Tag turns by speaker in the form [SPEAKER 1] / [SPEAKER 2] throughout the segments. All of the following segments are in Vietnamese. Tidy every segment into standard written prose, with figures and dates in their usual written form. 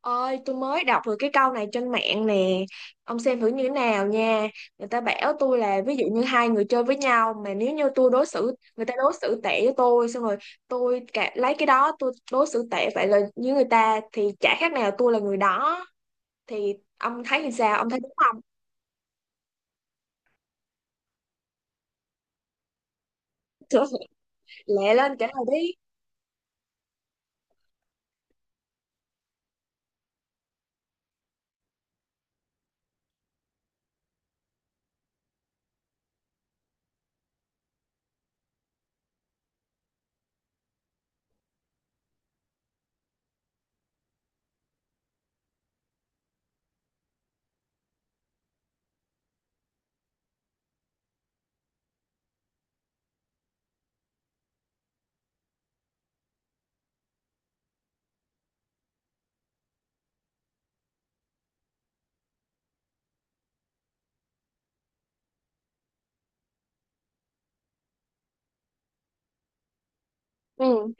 [SPEAKER 1] Ôi, tôi mới đọc được cái câu này trên mạng nè. Ông xem thử như thế nào nha. Người ta bảo tôi là ví dụ như hai người chơi với nhau mà nếu như tôi đối xử người ta đối xử tệ với tôi xong rồi tôi cả, lấy cái đó tôi đối xử tệ vậy là như người ta thì chả khác nào tôi là người đó. Thì ông thấy như sao? Ông thấy đúng không? Trời ơi, lẹ lên trả lời đi. Ừ,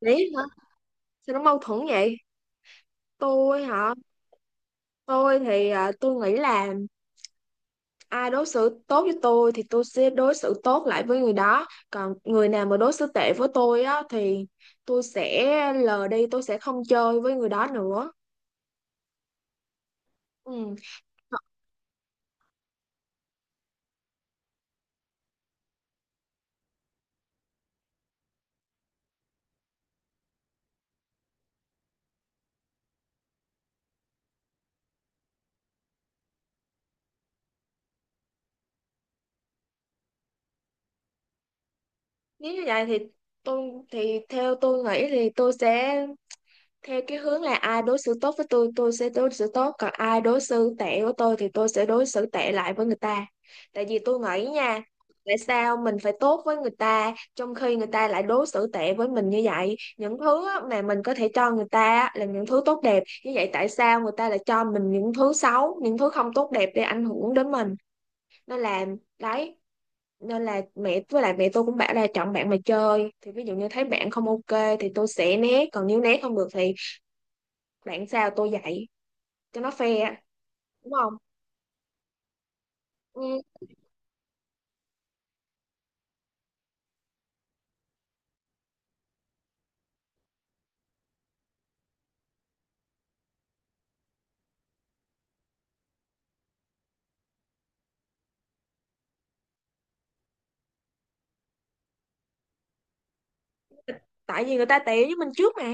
[SPEAKER 1] đấy hả? Sao nó mâu thuẫn vậy? Tôi hả? Tôi thì tôi nghĩ là ai đối xử tốt với tôi thì tôi sẽ đối xử tốt lại với người đó, còn người nào mà đối xử tệ với tôi á thì tôi sẽ lờ đi, tôi sẽ không chơi với người đó nữa, ừ. Nếu như vậy thì tôi thì theo tôi nghĩ thì tôi sẽ theo cái hướng là ai đối xử tốt với tôi sẽ đối xử tốt, còn ai đối xử tệ với tôi thì tôi sẽ đối xử tệ lại với người ta. Tại vì tôi nghĩ nha, tại sao mình phải tốt với người ta trong khi người ta lại đối xử tệ với mình như vậy, những thứ á, mà mình có thể cho người ta á, là những thứ tốt đẹp như vậy, tại sao người ta lại cho mình những thứ xấu, những thứ không tốt đẹp để ảnh hưởng đến mình, nên là đấy. Nên là mẹ với lại mẹ tôi cũng bảo là chọn bạn mà chơi, thì ví dụ như thấy bạn không ok thì tôi sẽ né, còn nếu né không được thì bạn sao tôi dạy, cho nó fair, đúng không? Ừ, tại vì người ta tệ với mình trước mà.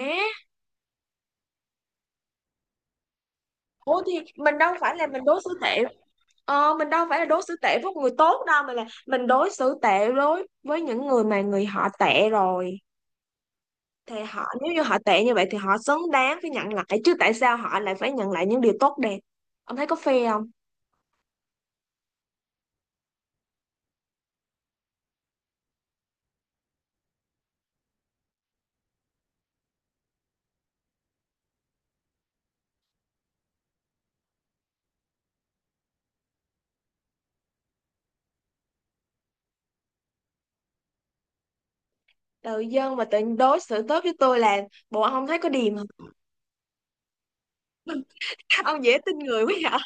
[SPEAKER 1] Ủa thì mình đâu phải là mình đối xử tệ. Ờ, mình đâu phải là đối xử tệ với người tốt đâu, mà là mình đối xử tệ đối với những người mà người họ tệ rồi. Thì họ, nếu như họ tệ như vậy thì họ xứng đáng phải nhận lại chứ, tại sao họ lại phải nhận lại những điều tốt đẹp? Ông thấy có fair không? Tự dưng mà tự đối xử tốt với tôi là bộ ông thấy có điềm không? Ông dễ tin người quá vậy.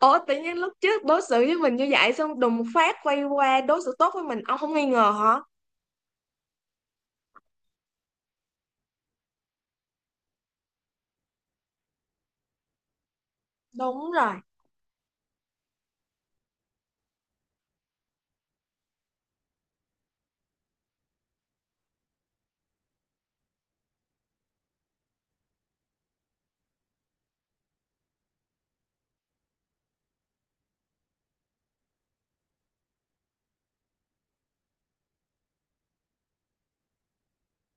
[SPEAKER 1] Ủa tự nhiên lúc trước đối xử với mình như vậy xong đùng một phát quay qua đối xử tốt với mình, ông không nghi ngờ hả? Đúng rồi.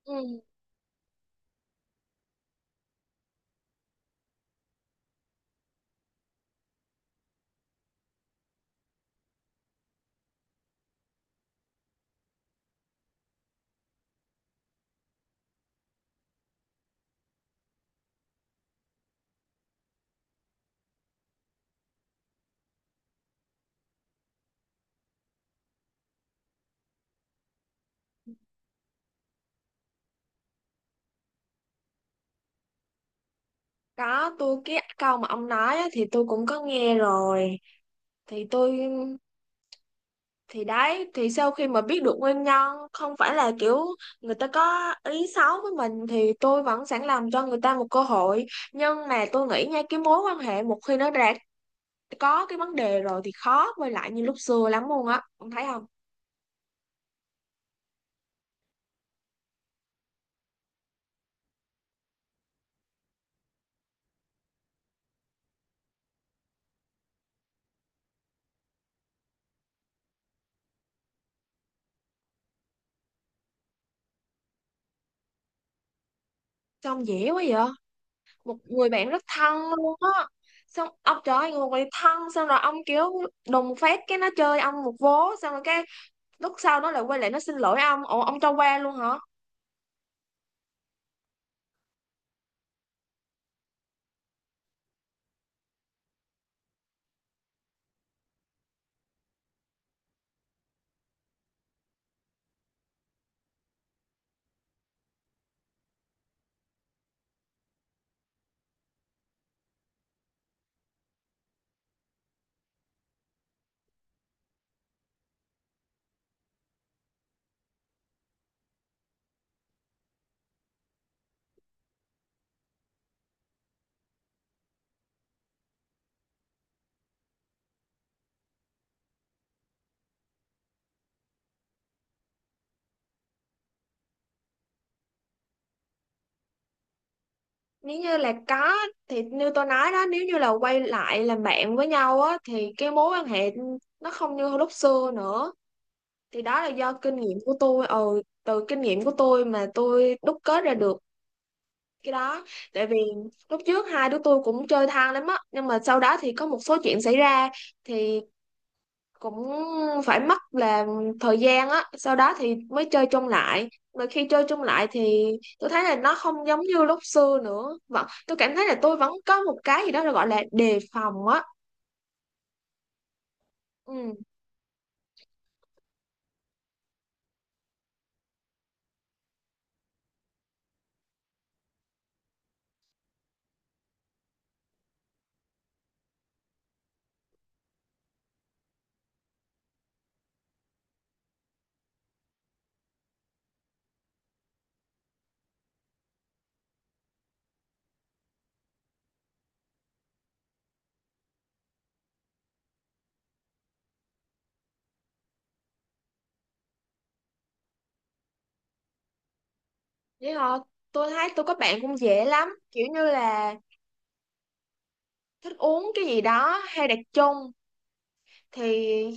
[SPEAKER 1] Ừ. Có tôi cái câu mà ông nói á, thì tôi cũng có nghe rồi. Thì tôi thì đấy, thì sau khi mà biết được nguyên nhân không phải là kiểu người ta có ý xấu với mình thì tôi vẫn sẵn làm cho người ta một cơ hội. Nhưng mà tôi nghĩ nha, cái mối quan hệ một khi nó đã có cái vấn đề rồi thì khó quay lại như lúc xưa lắm luôn á. Ông thấy không? Sao ông dễ quá vậy? Một người bạn rất thân luôn á, xong ông trời ơi người bạn thân, xong rồi ông kiểu đùng phát cái nó chơi ông một vố, xong rồi cái lúc sau nó lại quay lại nó xin lỗi ông, ủa ông cho qua luôn hả? Nếu như là có thì như tôi nói đó, nếu như là quay lại làm bạn với nhau á thì cái mối quan hệ nó không như lúc xưa nữa. Thì đó là do kinh nghiệm của tôi, ừ, từ kinh nghiệm của tôi mà tôi đúc kết ra được cái đó. Tại vì lúc trước hai đứa tôi cũng chơi thân lắm á, nhưng mà sau đó thì có một số chuyện xảy ra, thì cũng phải mất là thời gian á, sau đó thì mới chơi chung lại, mà khi chơi chung lại thì tôi thấy là nó không giống như lúc xưa nữa, vẫn tôi cảm thấy là tôi vẫn có một cái gì đó gọi là đề phòng á. Ừ, vậy thôi. Tôi thấy tôi có bạn cũng dễ lắm, kiểu như là thích uống cái gì đó hay đặt chung, thì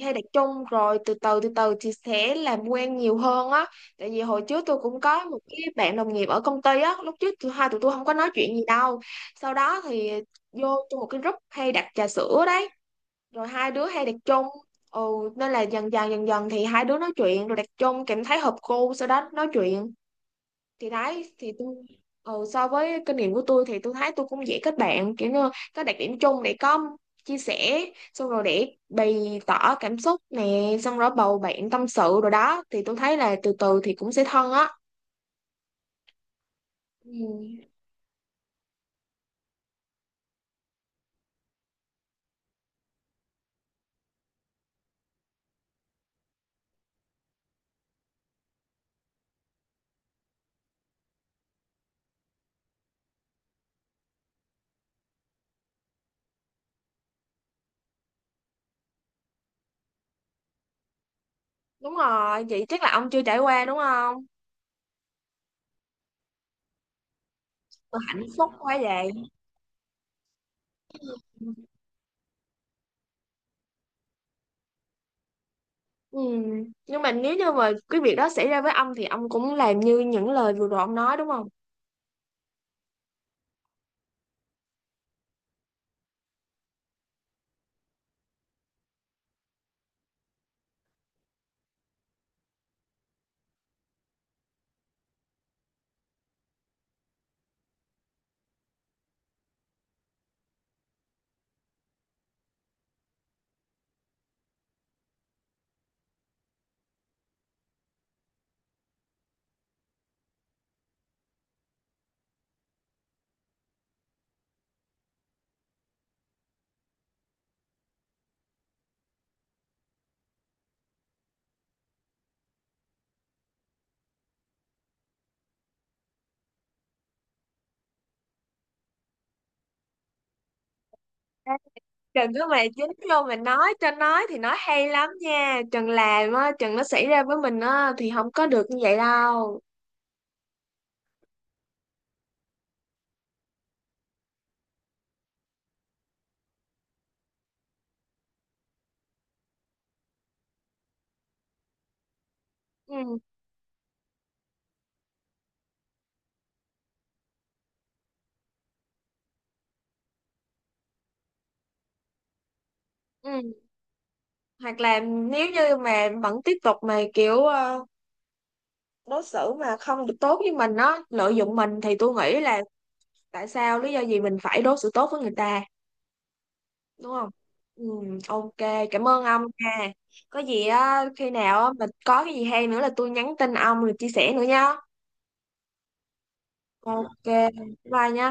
[SPEAKER 1] hay đặt chung rồi từ từ thì sẽ làm quen nhiều hơn á. Tại vì hồi trước tôi cũng có một cái bạn đồng nghiệp ở công ty á, lúc trước tụi tôi không có nói chuyện gì đâu, sau đó thì vô trong một cái group hay đặt trà sữa đấy, rồi hai đứa hay đặt chung, ừ, nên là dần dần thì hai đứa nói chuyện rồi đặt chung cảm thấy hợp cô, sau đó nói chuyện. Thì đấy thì tôi so với kinh nghiệm của tôi thì tôi thấy tôi cũng dễ kết bạn, kiểu như có đặc điểm chung để có chia sẻ, xong rồi để bày tỏ cảm xúc nè, xong rồi bầu bạn tâm sự rồi đó, thì tôi thấy là từ từ thì cũng sẽ thân á. Ừ. Đúng rồi, vậy chắc là ông chưa trải qua đúng không, mà hạnh phúc quá vậy. Ừ. Nhưng mà nếu như mà cái việc đó xảy ra với ông thì ông cũng làm như những lời vừa rồi ông nói đúng không? Trần cứ mày dính vô mà nói, cho nói thì nói hay lắm nha Trần, làm á Trần, nó xảy ra với mình á thì không có được như vậy đâu. Ừ, ừ. Hoặc là nếu như mà vẫn tiếp tục mà kiểu đối xử mà không được tốt với mình á, lợi dụng mình, thì tôi nghĩ là tại sao, lý do gì mình phải đối xử tốt với người ta, đúng không? Ừ, ok, cảm ơn ông nha. Có gì á, khi nào á mình có cái gì hay nữa là tôi nhắn tin ông rồi chia sẻ nữa nha. Ok, bye nha.